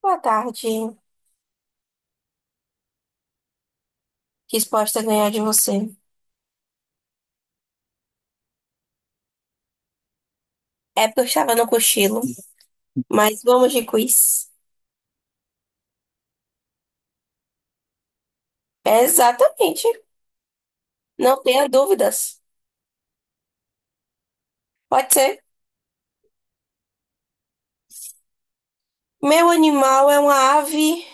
Boa tarde. Quis a ganhar de você. É porque eu estava no cochilo, mas vamos de quiz. Exatamente. Não tenha dúvidas. Pode ser. Meu animal é uma ave.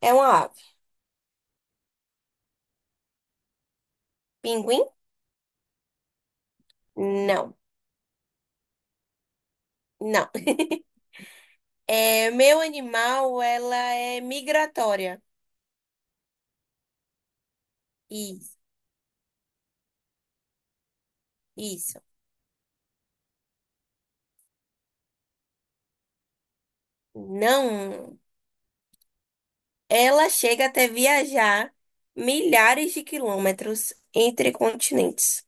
É uma ave. Pinguim? Não. Não. É, meu animal, ela é migratória. Isso. Isso. Não. Ela chega até viajar milhares de quilômetros entre continentes.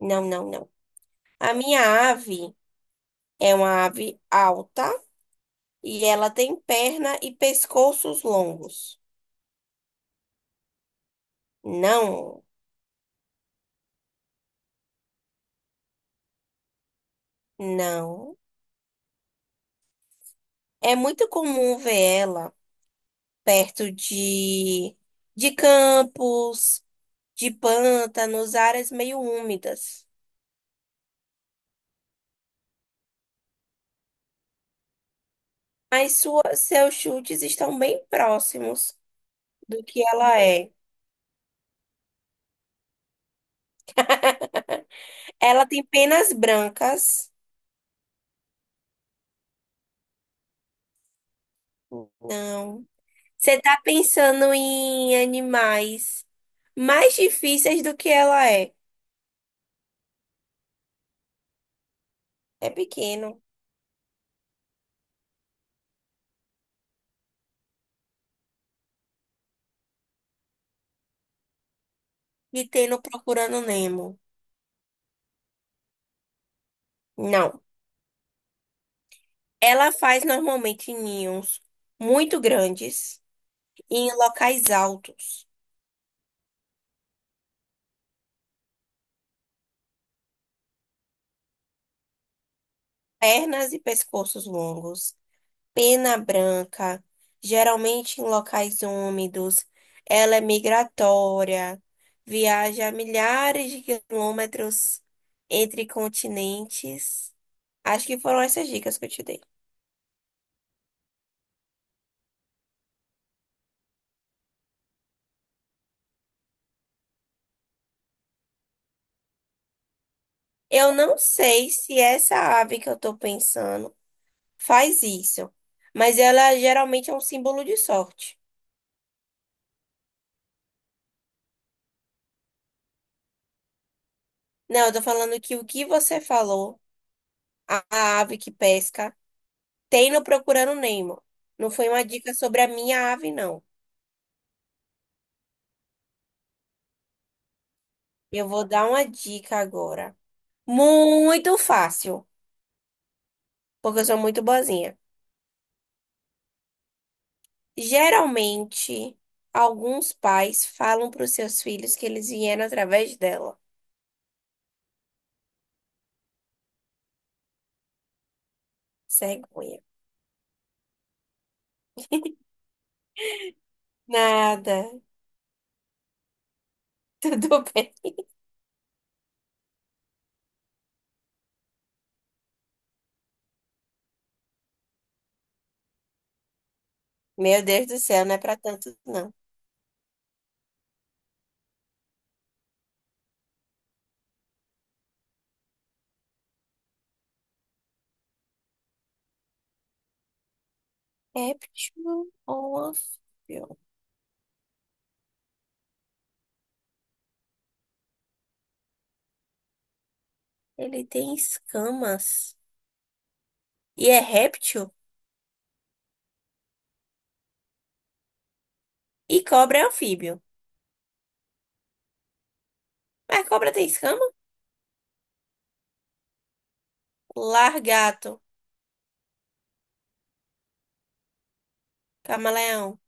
Não, não, não. A minha ave. É uma ave alta e ela tem perna e pescoços longos. Não, não. É muito comum ver ela perto de campos, de pântanos, áreas meio úmidas. Mas sua, seus chutes estão bem próximos do que ela é. Ela tem penas brancas. Não. Você tá pensando em animais mais difíceis do que ela é. É pequeno. E tem no Procurando Nemo. Não. Ela faz normalmente ninhos muito grandes e em locais altos. Pernas e pescoços longos. Pena branca. Geralmente em locais úmidos. Ela é migratória. Viaja milhares de quilômetros entre continentes. Acho que foram essas dicas que eu te dei. Eu não sei se essa ave que eu tô pensando faz isso, mas ela geralmente é um símbolo de sorte. Não, eu tô falando que o que você falou, a ave que pesca, tem no Procurando Nemo. Não foi uma dica sobre a minha ave, não. Eu vou dar uma dica agora. Muito fácil, porque eu sou muito boazinha. Geralmente, alguns pais falam para os seus filhos que eles vieram através dela. Cegonha. Nada. Tudo bem. Meu Deus do céu, não é pra tanto, não. É réptil ou anfíbio? Ele tem escamas. E é réptil? E cobra é anfíbio. Mas cobra tem escama? Largato. Camaleão.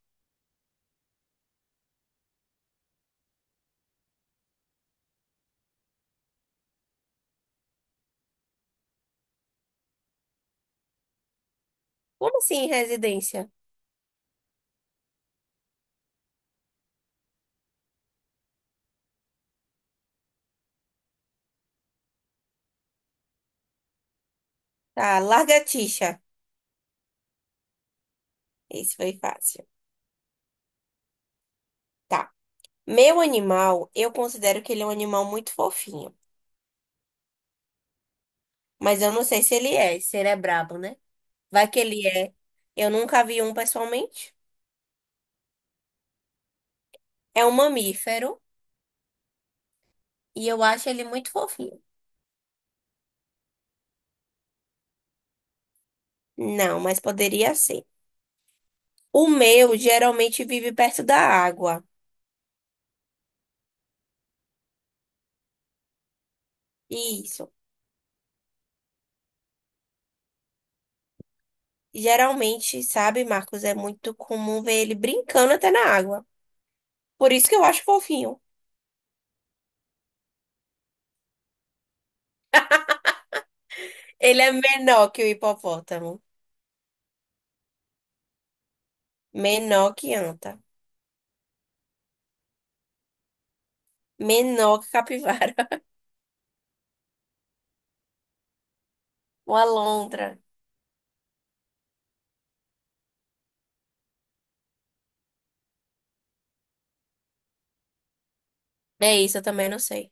Como assim, residência? Tá, lagartixa. Esse foi fácil. Tá. Meu animal, eu considero que ele é um animal muito fofinho. Mas eu não sei se ele é, se ele é brabo, né? Vai que ele é. Eu nunca vi um pessoalmente. É um mamífero. E eu acho ele muito fofinho. Não, mas poderia ser. O meu geralmente vive perto da água. Isso. Geralmente, sabe, Marcos, é muito comum ver ele brincando até na água. Por isso que eu acho fofinho. Ele é menor que o hipopótamo. Menor que anta. Menor que capivara. Uma alondra. É isso, eu também não sei.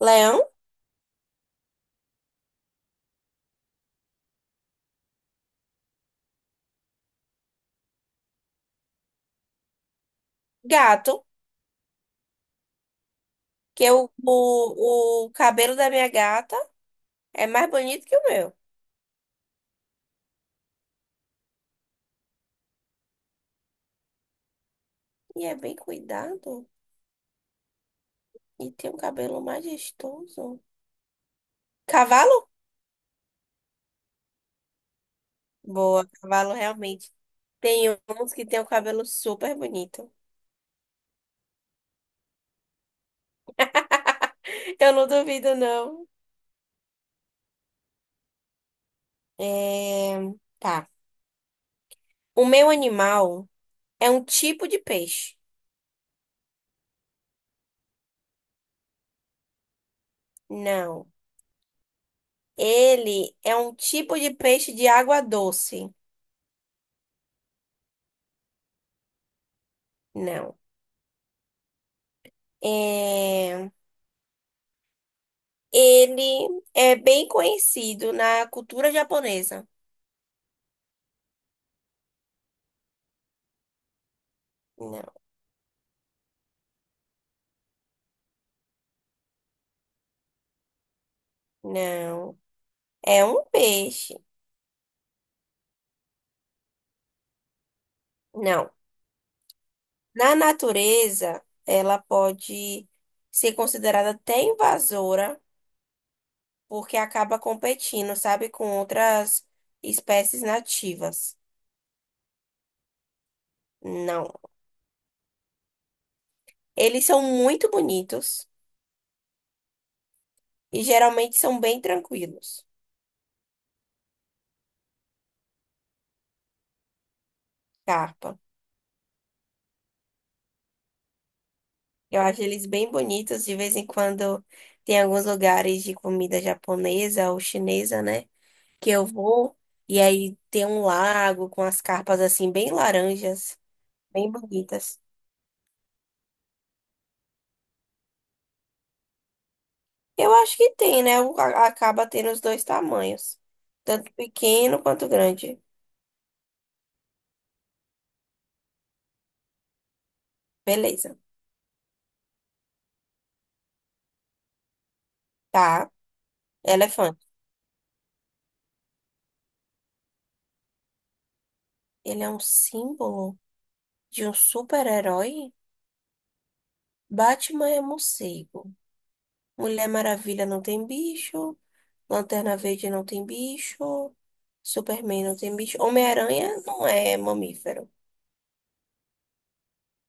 Leão, gato. Que o cabelo da minha gata é mais bonito que o meu. E é bem cuidado. E tem um cabelo majestoso. Cavalo? Boa, cavalo realmente. Tem uns que tem um cabelo super bonito. Eu não duvido, não. É... Tá. O meu animal é um tipo de peixe. Não. Ele é um tipo de peixe de água doce. Não. É... Ele é bem conhecido na cultura japonesa. Não. Não. É um peixe. Não. Na natureza, ela pode ser considerada até invasora, porque acaba competindo, sabe, com outras espécies nativas. Não. Eles são muito bonitos e geralmente são bem tranquilos. Carpa. Eu acho eles bem bonitos. De vez em quando tem alguns lugares de comida japonesa ou chinesa, né? Que eu vou. E aí tem um lago com as carpas assim, bem laranjas, bem bonitas. Eu acho que tem, né? O- a- Acaba tendo os dois tamanhos, tanto pequeno quanto grande. Beleza. Tá. Elefante. Ele é um símbolo de um super-herói? Batman é morcego. Mulher Maravilha não tem bicho. Lanterna Verde não tem bicho. Superman não tem bicho. Homem-Aranha não é mamífero.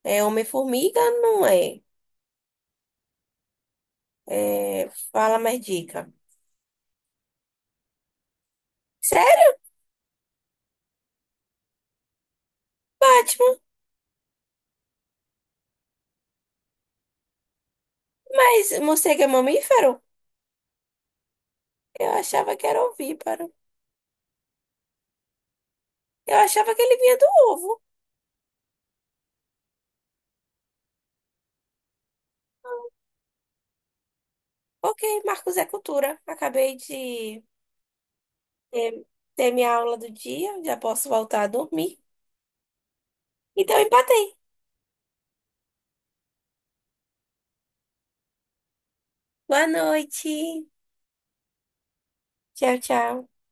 É Homem-Formiga não é. É, fala mais dica. Sério, Batman? Mas morcego é mamífero? Eu achava que era ovíparo. Eu achava que ele vinha do ovo. Ok, Marcos é cultura. Acabei de eh, ter minha aula do dia, já posso voltar a dormir. Então, empatei. Boa noite. Tchau, tchau.